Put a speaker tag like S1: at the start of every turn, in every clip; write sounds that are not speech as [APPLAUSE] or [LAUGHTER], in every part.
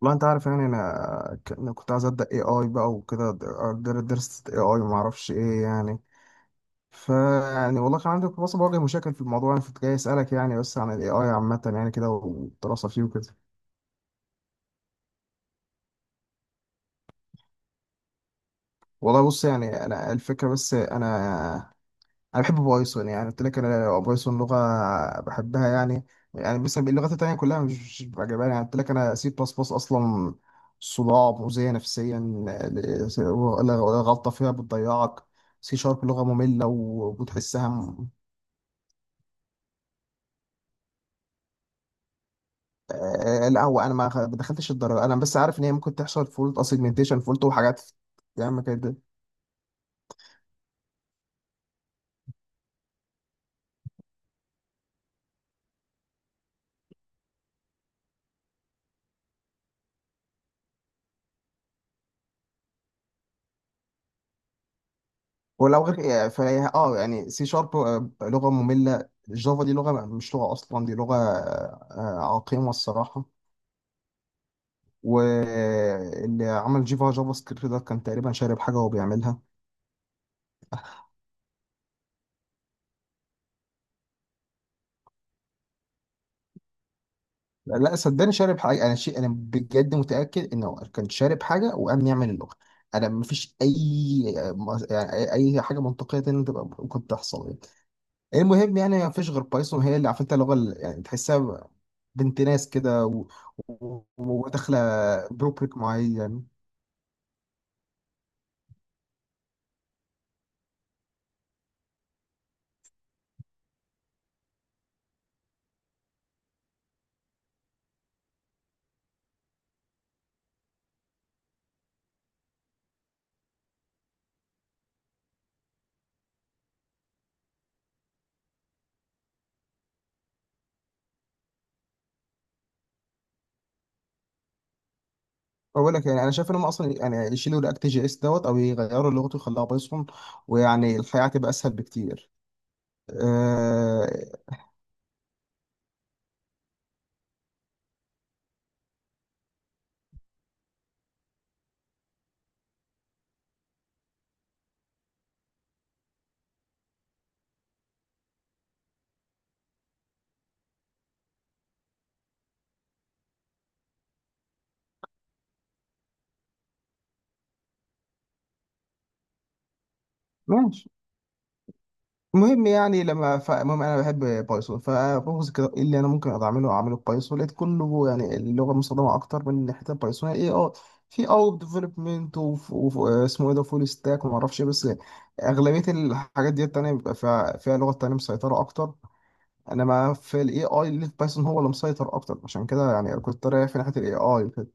S1: والله انت عارف يعني أنا كنت عايز ابدا اي اي بقى وكده. درست اي اي ما اعرفش ايه يعني. ف يعني والله كان عندي كنت بس بواجه مشاكل في الموضوع. انا كنت جاي اسالك يعني بس عن الاي اي عامه يعني كده والدراسه فيه وكده. والله بص يعني انا الفكره بس انا، انا بحب بايثون. يعني قلت لك انا بايثون لغه بحبها يعني. يعني مثلا اللغات التانيه كلها مش عجباني. يعني قلت لك انا سي بلس بلس اصلا صداع مؤذيه نفسيا، ولا غلطه فيها بتضيعك. سي شارب لغه ممله وبتحسها آه، لا هو انا ما دخلتش الدرجه، انا بس عارف ان هي ممكن تحصل فولت اسيجمنتيشن فولت وحاجات يعني كده. ولو غير يعني فهي يعني سي شارب لغه ممله. جافا دي لغه مش لغه اصلا، دي لغه آه، عقيمه الصراحه. واللي عمل جيفا جافا سكريبت ده كان تقريبا شارب حاجه وهو بيعملها. لا صدقني شارب حاجه، انا شيء انا بجد متاكد انه كان شارب حاجه وقام يعمل اللغه. انا مفيش اي يعني اي حاجه منطقيه تانية تبقى ممكن تحصل يعني. المهم يعني ما فيش غير بايثون هي اللي عارف انت اللغه اللي يعني تحسها بنت ناس كده وداخله بروبريك معين. بقول لك يعني انا شايف ان هم اصلا يعني يشيلوا رياكت جي اس دوت او يغيروا لغته ويخلوها بايثون، ويعني الحياه هتبقى اسهل بكتير. آه ماشي. المهم يعني فالمهم انا بحب بايثون. فببص كده ايه اللي انا ممكن أقدر اعمله بايثون. لقيت كله يعني اللغه المستخدمه اكتر من حته بايثون اي اه في او ديفلوبمنت واسمه ايه ده فول ستاك وما اعرفش إيه، بس اغلبيه الحاجات دي التانيه بيبقى فيها لغه تانيه مسيطره اكتر. انما في الاي اي اللي في بايثون هو اللي مسيطر اكتر، عشان كده يعني كنت رايح في ناحيه الاي اي وكده.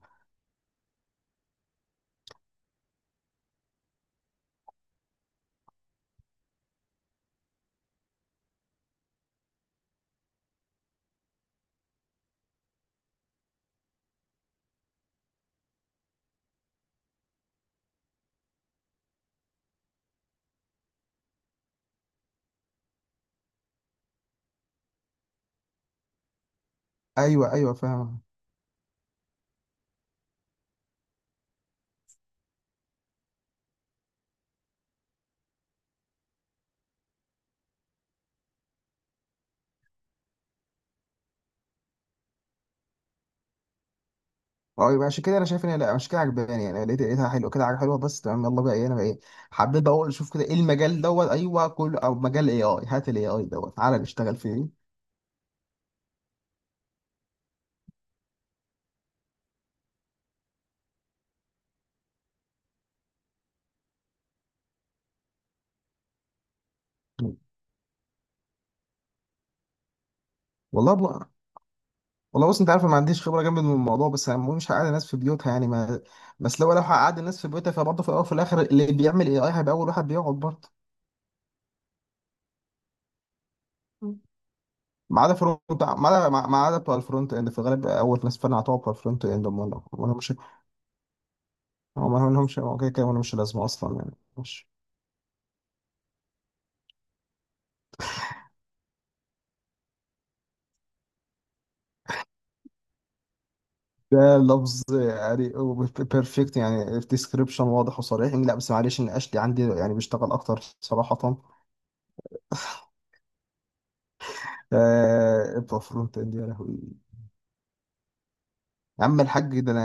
S1: ايوه، ايوه، فاهم. اه يبقى عشان كده انا شايف ان لا عشان كده عجباني. يعني لقيتها حلوه كده حاجه حلوه بس تمام. يلا بقى ايه انا بقى ايه حبيت بقى اقول اشوف كده ايه المجال دوت ايوه كله او مجال اي اي، هات الاي اي دوت تعالى نشتغل فيه. والله ب... والله بص انت عارف أنا ما عنديش خبره جامد من الموضوع، بس انا مش هقعد الناس في بيوتها يعني ما... بس لو هقعد الناس في بيوتها فبرضه في الاول وفي الاخر اللي بيعمل اي اي هيبقى اول واحد بيقعد برضه. ما عدا فرونت ما عدا ما ما عدا بتوع الفرونت اند في الغالب اول ناس فعلا هتقعد بتوع الفرونت اند هم ولا مش. هم ما لهمش، هو كده كده ولا مش لازمه اصلا يعني مش. ده لفظ يعني بيرفكت يعني ديسكريبشن واضح وصريح يعني. لا بس معلش ان اشلي عندي يعني بيشتغل اكتر صراحه. آه بتوع فرونت اند يا لهوي. يا عم الحاج ده انا،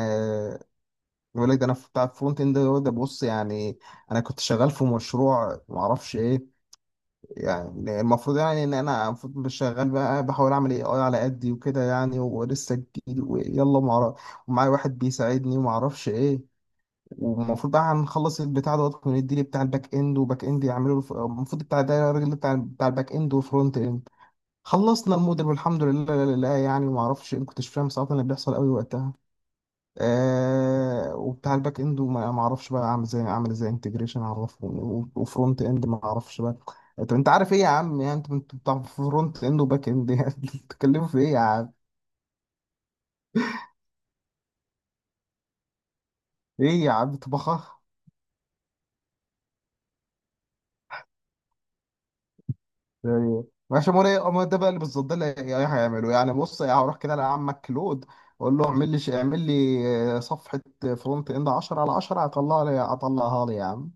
S1: بيقول لك ده انا في بتاع فرونت اند ده بص يعني. انا كنت شغال في مشروع ما اعرفش ايه. يعني المفروض يعني ان انا المفروض شغال بقى بحاول اعمل اي اي على قدي وكده يعني ولسه جديد ويلا ما أعرف-. ومعايا واحد بيساعدني وما اعرفش ايه. والمفروض بقى هنخلص البتاع دوت وندي لي بتاع الباك اند وباك اند يعملوا الف- المفروض بتاع ده الراجل بتاع الباك اند وفرونت اند. خلصنا الموديل والحمد لله لله، يعني ما اعرفش ان كنتش فاهم صراحه اللي بيحصل قوي وقتها. آه وبتاع الباك اند وما ما اعرفش بقى اعمل ازاي اعمل ازاي انتجريشن اعرفه و- وفرونت اند ما اعرفش بقى. طب انت عارف ايه يا عم يعني انت بتاع فرونت اند وباك اند [LAUGHS] يعني بتتكلموا في ايه يا عم؟ ايه يا عم طبخه يعني. ماشي موري ما ده بقى اللي بالظبط ده اللي هي- هيعمله يعني. بص يعني هروح كده لعمك كلود اقول له اعمل لي ش- اعمل لي آه، صفحه فرونت اند 10 على 10 هطلع لي هطلعها لي يا عم.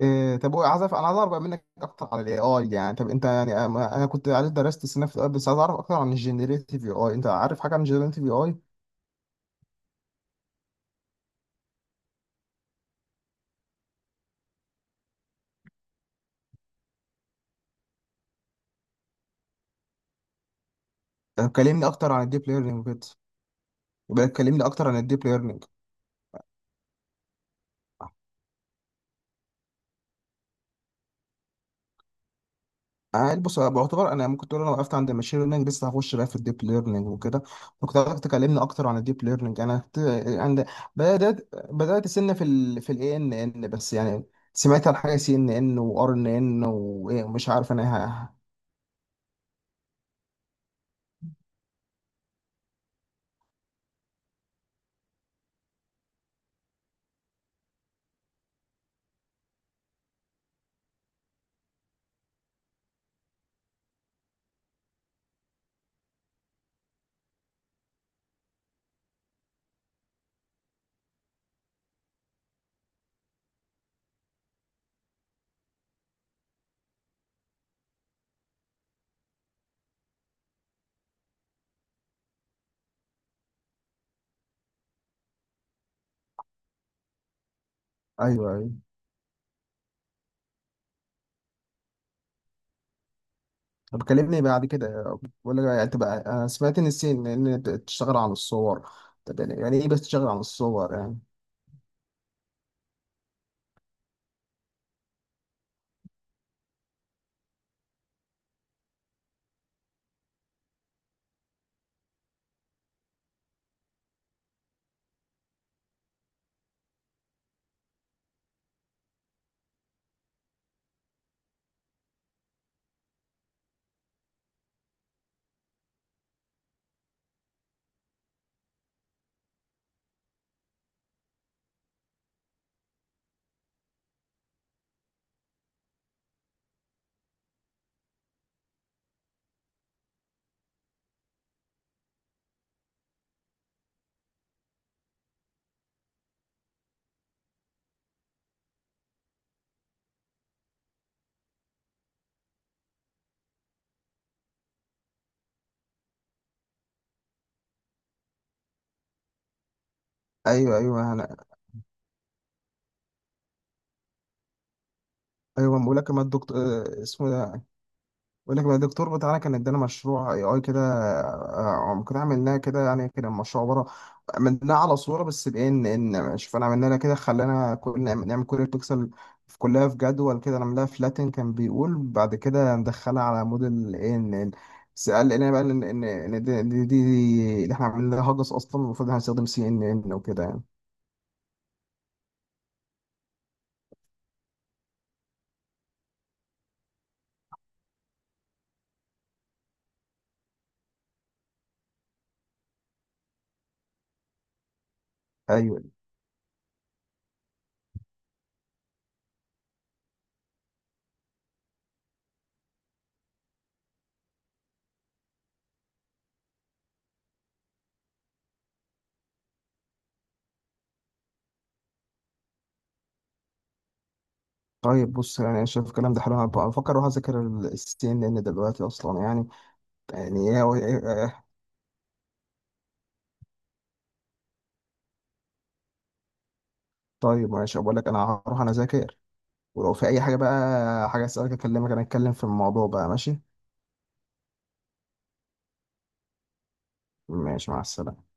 S1: إيه طب هو عايز أعرف- انا عايز اعرف بقى منك اكتر على الاي اي يعني. طب انت يعني انا كنت عارف درست السنه في ال إيه آي، بس عايز اعرف اكتر عن الجنريتيف اي اي. انت عارف حاجه عن الجنريتيف اي اي؟ طب كلمني اكتر عن الديب ليرنينج كده. يبقى كلمني اكتر عن الديب ليرنينج. عادي بص أنا بعتبر انا ممكن تقول انا وقفت عند الماشين ليرنينج لسه هخش بقى في الديب ليرنينج وكده. ممكن حضرتك تكلمني اكتر عن الديب ليرنينج؟ انا كنت عند بدات سنه في الاي ان ان بس يعني سمعت عن حاجه سي ان ان وار ان ان ومش عارف انا ها. ايوه، ايوه. طب كلمني بعد كده. ولا يعني تبقى انا سمعت ان السي ان ان بتشتغل عن الصور. طب يعني يعني ايه بس تشتغل عن الصور يعني؟ ايوه، ايوه، انا، ايوه بقول لك ما الدكتور اسمه ده. بقول لك بقى الدكتور بتاعنا كان ادانا مشروع اي اي كده، آه، كنا عملناه كده يعني كده مشروع عباره عملناه على صوره بس بان ان شوف انا عملنا لها كده خلانا كل نعمل كل بيكسل في كلها في جدول كده نعملها فلاتن. كان بيقول بعد كده ندخلها على موديل ان ان، بس قال لنا بقى ان ان إن دي اللي احنا عملناها هجس، اصلا المفروض هنستخدم سي ان ان وكده يعني. ايوه. طيب بص يعني انا شايف الكلام ده حلو، انا بفكر اروح اذاكر السي ان ان دلوقتي اصلا يعني. يعني [LAUGHS] طيب ماشي بقول لك انا هروح انا اذاكر، ولو في اي حاجه بقى حاجه اسالك اكلمك انا اتكلم في الموضوع بقى ماشي. ماشي، مع السلامه.